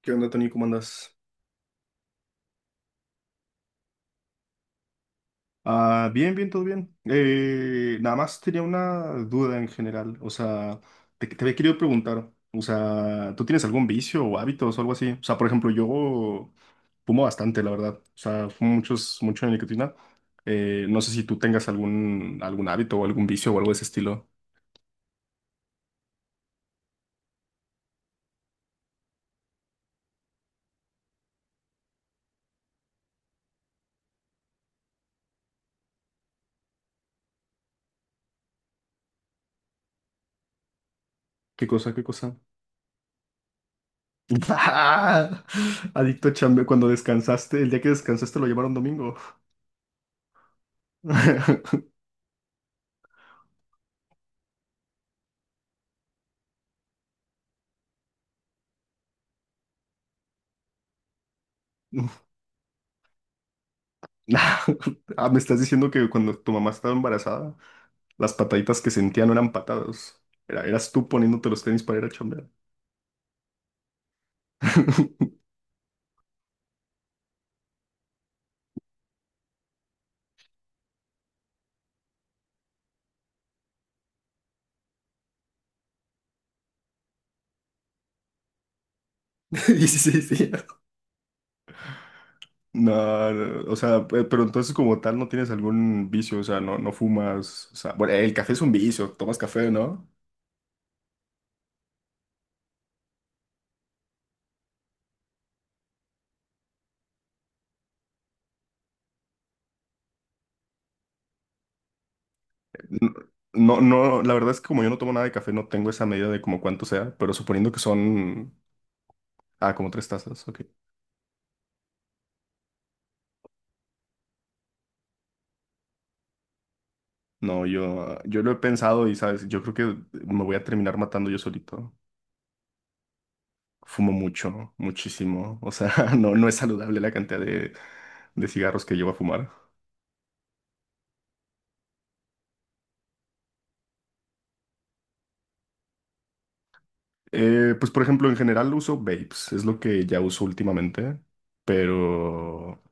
¿Qué onda, Tony? ¿Cómo andas? Ah, bien, bien, todo bien. Nada más tenía una duda en general. O sea, te había querido preguntar, o sea, ¿tú tienes algún vicio o hábitos o algo así? O sea, por ejemplo, yo fumo bastante, la verdad. O sea, fumo mucho de nicotina. No sé si tú tengas algún hábito o algún vicio o algo de ese estilo. ¿Qué cosa? ¿Qué cosa? ¡Ah! Adicto a chambe, cuando descansaste, el día que descansaste lo llevaron domingo. Ah, me estás diciendo que cuando tu mamá estaba embarazada, las pataditas que sentía no eran patadas. Eras tú poniéndote los tenis para ir a chambear. Sí, sí, sí. No, no, o sea, pero entonces como tal no tienes algún vicio, o sea, no, no fumas, o sea, bueno, el café es un vicio, tomas café, ¿no? N- No, no, la verdad es que como yo no tomo nada de café, no tengo esa medida de como cuánto sea, pero suponiendo que son, ah, como tres tazas, ok. No, yo lo he pensado y, ¿sabes? Yo creo que me voy a terminar matando yo solito. Fumo mucho, ¿no? Muchísimo. O sea, no, no es saludable la cantidad de cigarros que llevo a fumar. Pues, por ejemplo, en general uso vapes, es lo que ya uso últimamente, pero,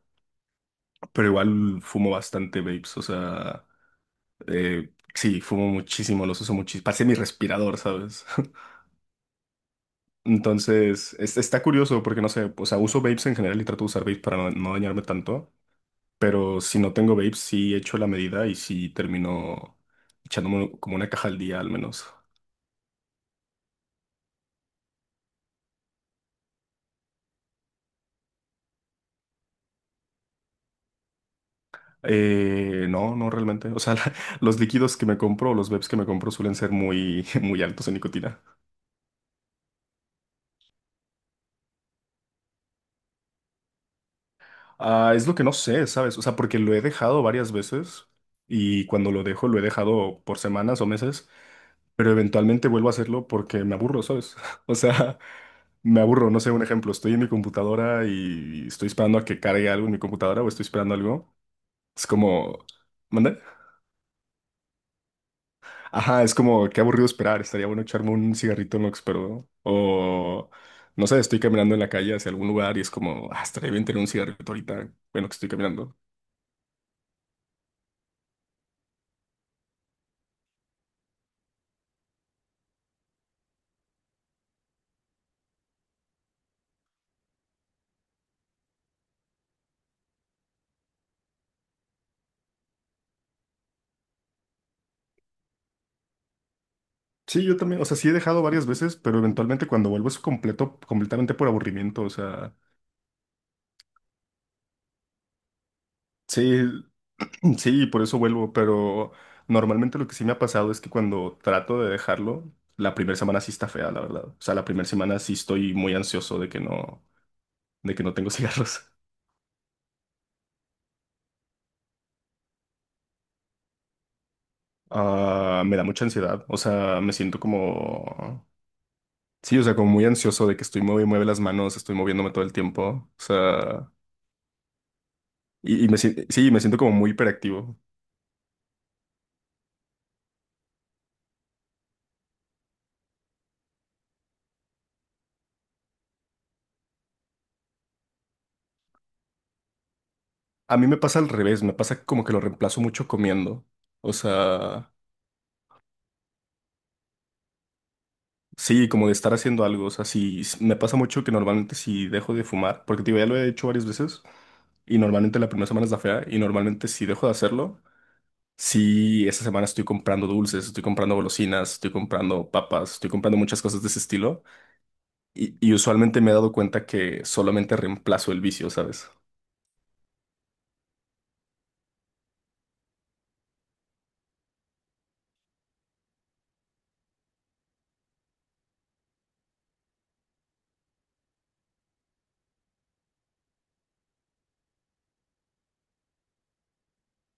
pero igual fumo bastante vapes. O sea, sí, fumo muchísimo, los uso muchísimo. Parece mi respirador, ¿sabes? Entonces, está curioso porque no sé, o sea, uso vapes en general y trato de usar vapes para no, no dañarme tanto. Pero si no tengo babes, sí echo la medida y sí termino echándome como una caja al día al menos. No, no realmente. O sea, los líquidos que me compro, los vapes que me compro suelen ser muy, muy altos en nicotina. Ah, es lo que no sé, ¿sabes? O sea, porque lo he dejado varias veces y cuando lo dejo, lo he dejado por semanas o meses, pero eventualmente vuelvo a hacerlo porque me aburro, ¿sabes? O sea, me aburro, no sé, un ejemplo, estoy en mi computadora y estoy esperando a que cargue algo en mi computadora o estoy esperando algo. Es como. ¿Manda? Ajá, es como, qué aburrido esperar. Estaría bueno echarme un cigarrito en lo que espero, ¿no? O, no sé, estoy caminando en la calle hacia algún lugar y es como, ah, estaría bien tener un cigarrito ahorita, bueno, que estoy caminando. Sí, yo también, o sea, sí he dejado varias veces, pero eventualmente cuando vuelvo es completamente por aburrimiento, o sea, sí, sí, por eso vuelvo, pero normalmente lo que sí me ha pasado es que cuando trato de dejarlo, la primera semana sí está fea, la verdad. O sea, la primera semana sí estoy muy ansioso de que no tengo cigarros. Ah, me da mucha ansiedad, o sea, me siento como, sí, o sea, como muy ansioso de que estoy mueve y mueve las manos, estoy moviéndome todo el tiempo, o sea, y me, sí, me siento como muy hiperactivo. A mí me pasa al revés, me pasa como que lo reemplazo mucho comiendo, o sea, sí, como de estar haciendo algo, o sea, sí, me pasa mucho que normalmente si dejo de fumar, porque te digo, ya lo he hecho varias veces, y normalmente la primera semana es la fea, y normalmente si dejo de hacerlo, sí, esta semana estoy comprando dulces, estoy comprando golosinas, estoy comprando papas, estoy comprando muchas cosas de ese estilo y usualmente me he dado cuenta que solamente reemplazo el vicio, ¿sabes?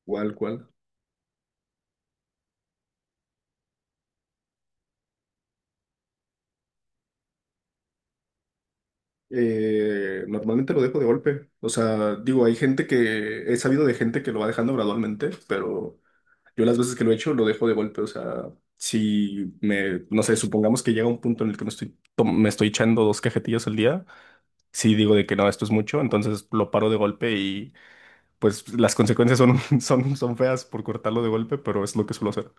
¿Cuál, cuál? Normalmente lo dejo de golpe. O sea, digo, hay gente que he sabido de gente que lo va dejando gradualmente, pero yo las veces que lo he hecho lo dejo de golpe. O sea, si me, no sé, supongamos que llega un punto en el que me estoy, me estoy echando dos cajetillas al día, si digo de que no, esto es mucho, entonces lo paro de golpe pues las consecuencias son, son feas por cortarlo de golpe, pero es lo que suelo hacer.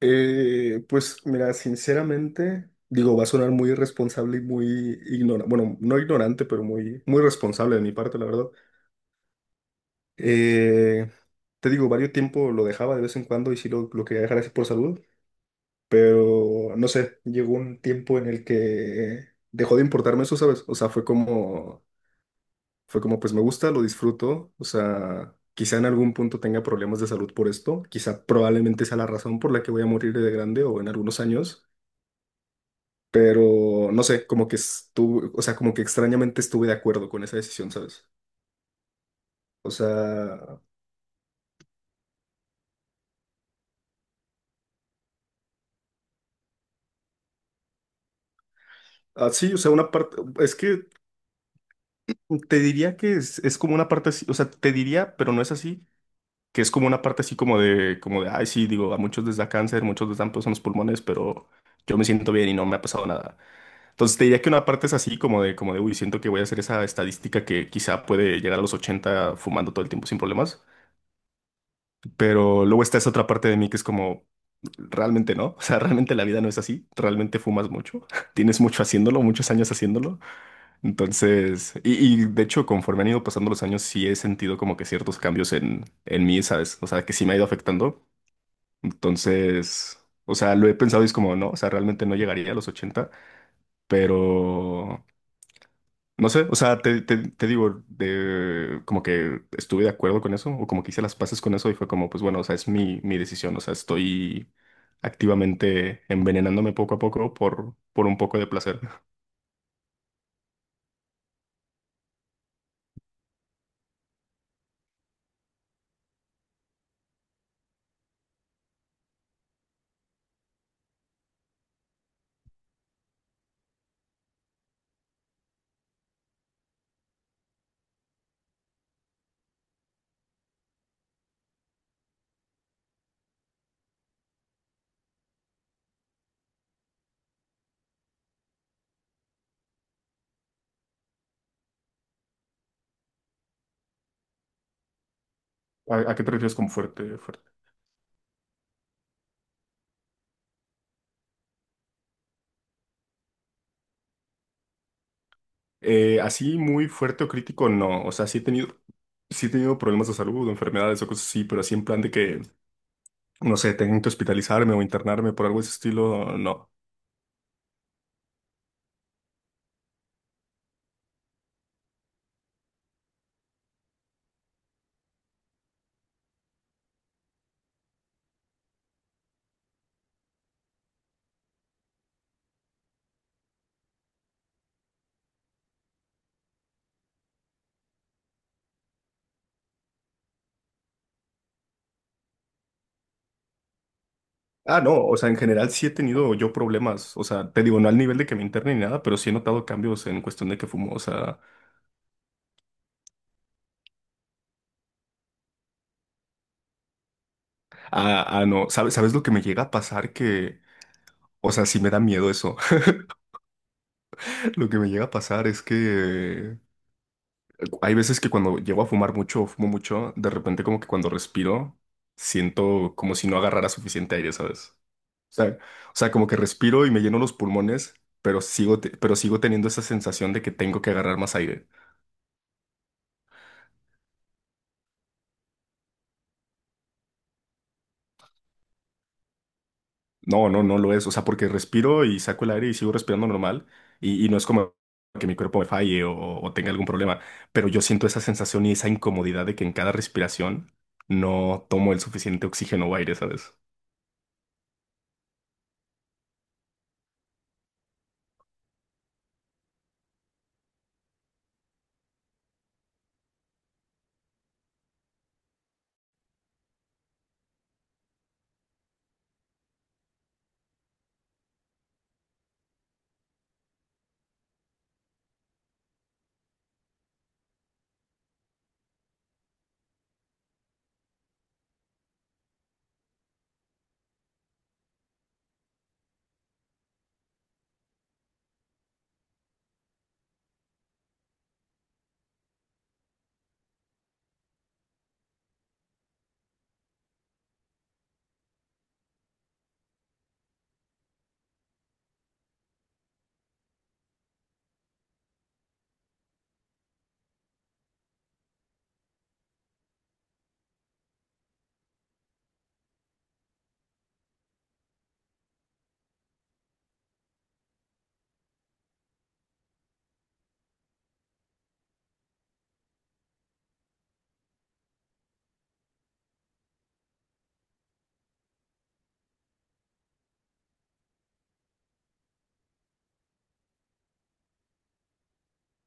Pues mira, sinceramente, digo, va a sonar muy irresponsable y muy ignorante, bueno, no ignorante, pero muy, muy responsable de mi parte, la verdad. Eh, te digo, varios tiempo lo dejaba de vez en cuando y sí lo quería dejar así por salud, pero no sé, llegó un tiempo en el que dejó de importarme eso, ¿sabes? O sea, fue como. Fue como, pues me gusta, lo disfruto, o sea, quizá en algún punto tenga problemas de salud por esto, quizá probablemente sea la razón por la que voy a morir de grande o en algunos años, pero no sé, como que estuve, o sea, como que extrañamente estuve de acuerdo con esa decisión, ¿sabes? O sea, así, o sea, una parte, es que te diría que es como una parte así, o sea, te diría, pero no es así, que es como una parte así como de, ay, sí, digo, a muchos les da cáncer, muchos les dan pues en los pulmones, pero yo me siento bien y no me ha pasado nada. Entonces te diría que una parte es así, como de, uy, siento que voy a hacer esa estadística que quizá puede llegar a los 80 fumando todo el tiempo sin problemas, pero luego está esa otra parte de mí que es como, realmente no, o sea, realmente la vida no es así, realmente fumas mucho, tienes mucho haciéndolo, muchos años haciéndolo, entonces, y de hecho conforme han ido pasando los años sí he sentido como que ciertos cambios en mí, ¿sabes? O sea, que sí me ha ido afectando, entonces, o sea, lo he pensado y es como, no, o sea, realmente no llegaría a los 80. Pero, no sé, o sea, te- te digo, de, como que estuve de acuerdo con eso, o como que hice las paces con eso y fue como, pues bueno, o sea, es mi decisión, o sea, estoy activamente envenenándome poco a poco por un poco de placer. ¿A qué te refieres con fuerte, fuerte? Así muy fuerte o crítico, no, o sea, sí he tenido problemas de salud o enfermedades o cosas así, pero así en plan de que, no sé, tengo que hospitalizarme o internarme por algo de ese estilo, no. Ah, no, o sea, en general sí he tenido yo problemas, o sea, te digo, no al nivel de que me interne ni nada, pero sí he notado cambios en cuestión de que fumo, o sea, ah, ah, no, ¿sabes, sabes lo que me llega a pasar? Que, o sea, sí me da miedo eso, lo que me llega a pasar es que hay veces que cuando llego a fumar mucho o fumo mucho, de repente como que cuando respiro, siento como si no agarrara suficiente aire, ¿sabes? O sea, como que respiro y me lleno los pulmones, pero sigo teniendo esa sensación de que tengo que agarrar más aire. No, no, no lo es. O sea, porque respiro y saco el aire y sigo respirando normal y no es como que mi cuerpo me falle o tenga algún problema, pero yo siento esa sensación y esa incomodidad de que en cada respiración no tomo el suficiente oxígeno o aire, ¿sabes?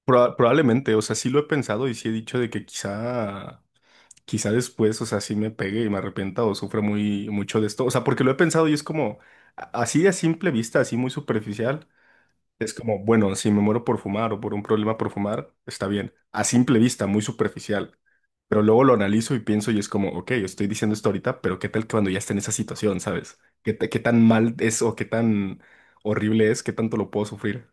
Probablemente, o sea, sí lo he pensado y sí he dicho de que quizá, quizá después, o sea, sí me pegue y me arrepienta o sufra muy mucho de esto. O sea, porque lo he pensado y es como así a simple vista, así muy superficial. Es como, bueno, si me muero por fumar o por un problema por fumar, está bien. A simple vista, muy superficial. Pero luego lo analizo y pienso y es como, ok, estoy diciendo esto ahorita, pero ¿qué tal que cuando ya esté en esa situación, ¿sabes? ¿Qué, qué tan mal es o qué tan horrible es? ¿Qué tanto lo puedo sufrir?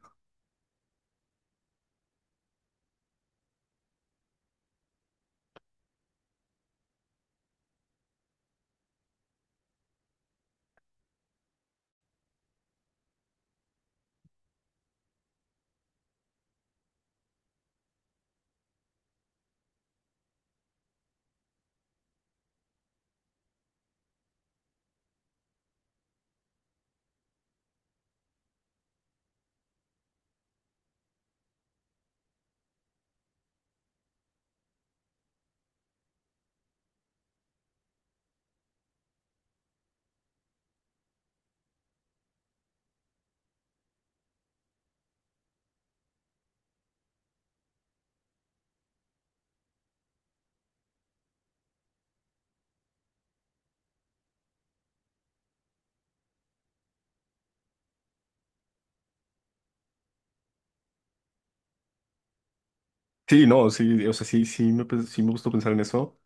Sí, no, sí, o sea, sí, sí sí me gustó pensar en eso.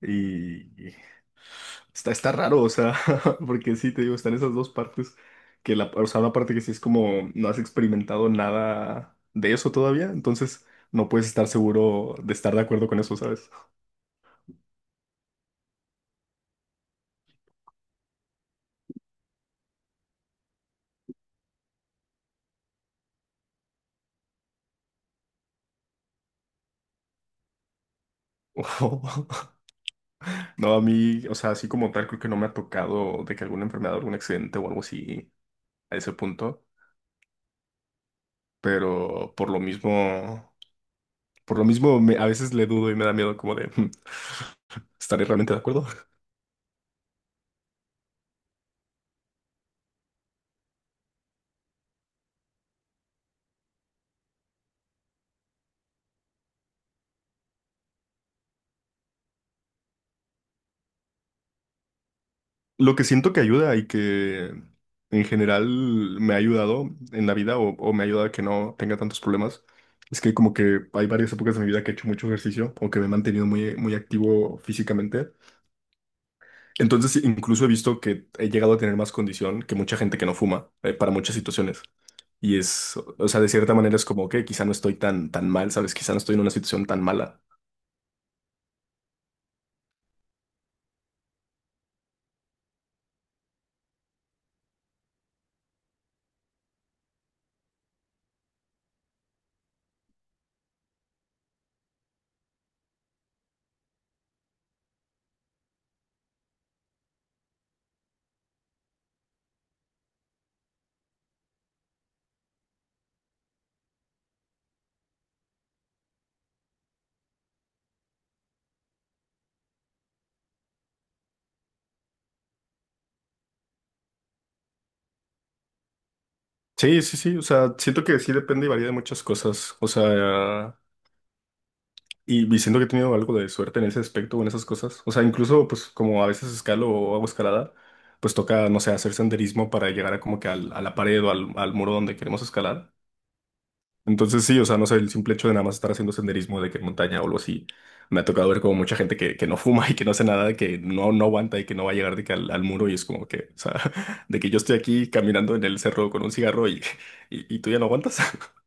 Y está raro, o sea, porque sí, te digo, están esas dos partes, que la, o sea, una parte que sí es como no has experimentado nada de eso todavía, entonces no puedes estar seguro de estar de acuerdo con eso, ¿sabes? No, a mí, o sea, así como tal, creo que no me ha tocado de que alguna enfermedad, algún accidente o algo así a ese punto, pero por lo mismo, a veces le dudo y me da miedo como de, ¿estaré realmente de acuerdo? Lo que siento que ayuda y que en general me ha ayudado en la vida o me ha ayudado a que no tenga tantos problemas es que como que hay varias épocas de mi vida que he hecho mucho ejercicio o que me he mantenido muy, muy activo físicamente. Entonces sí, incluso he visto que he llegado a tener más condición que mucha gente que no fuma, para muchas situaciones. Y es, o sea, de cierta manera es como que quizá no estoy tan, tan mal, ¿sabes? Quizá no estoy en una situación tan mala. Sí, sí, sí, o sea, siento que sí depende y varía de muchas cosas. O sea. Y siento que he tenido algo de suerte en ese aspecto en esas cosas. O sea, incluso pues como a veces escalo o hago escalada, pues toca, no sé, hacer senderismo para llegar a como que a la pared o al muro donde queremos escalar. Entonces sí, o sea, no sé, el simple hecho de nada más estar haciendo senderismo de que en montaña o algo así, me ha tocado ver como mucha gente que no fuma y que no hace nada, que no, no aguanta y que no va a llegar de que al muro y es como que, o sea, de que yo estoy aquí caminando en el cerro con un cigarro y, y tú ya no aguantas.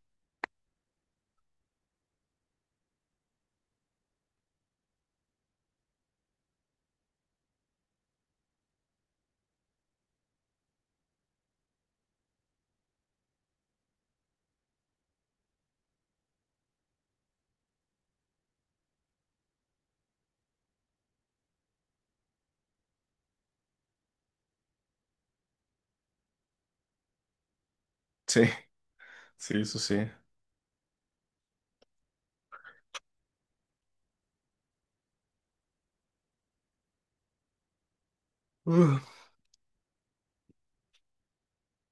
Sí, sí, eso sí.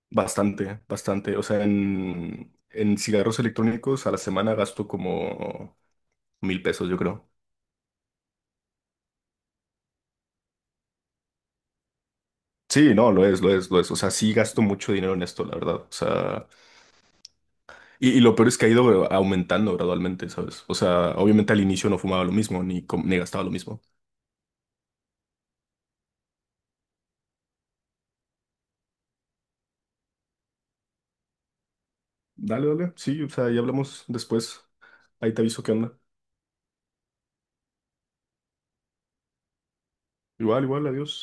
Bastante, bastante. O sea, en cigarros electrónicos a la semana gasto como 1,000 pesos, yo creo. Sí, no, lo es, lo es, lo es. O sea, sí gasto mucho dinero en esto, la verdad. O sea, y lo peor es que ha ido aumentando gradualmente, ¿sabes? O sea, obviamente al inicio no fumaba lo mismo, ni gastaba lo mismo. Dale, dale. Sí, o sea, ya hablamos después. Ahí te aviso qué onda. Igual, igual, adiós.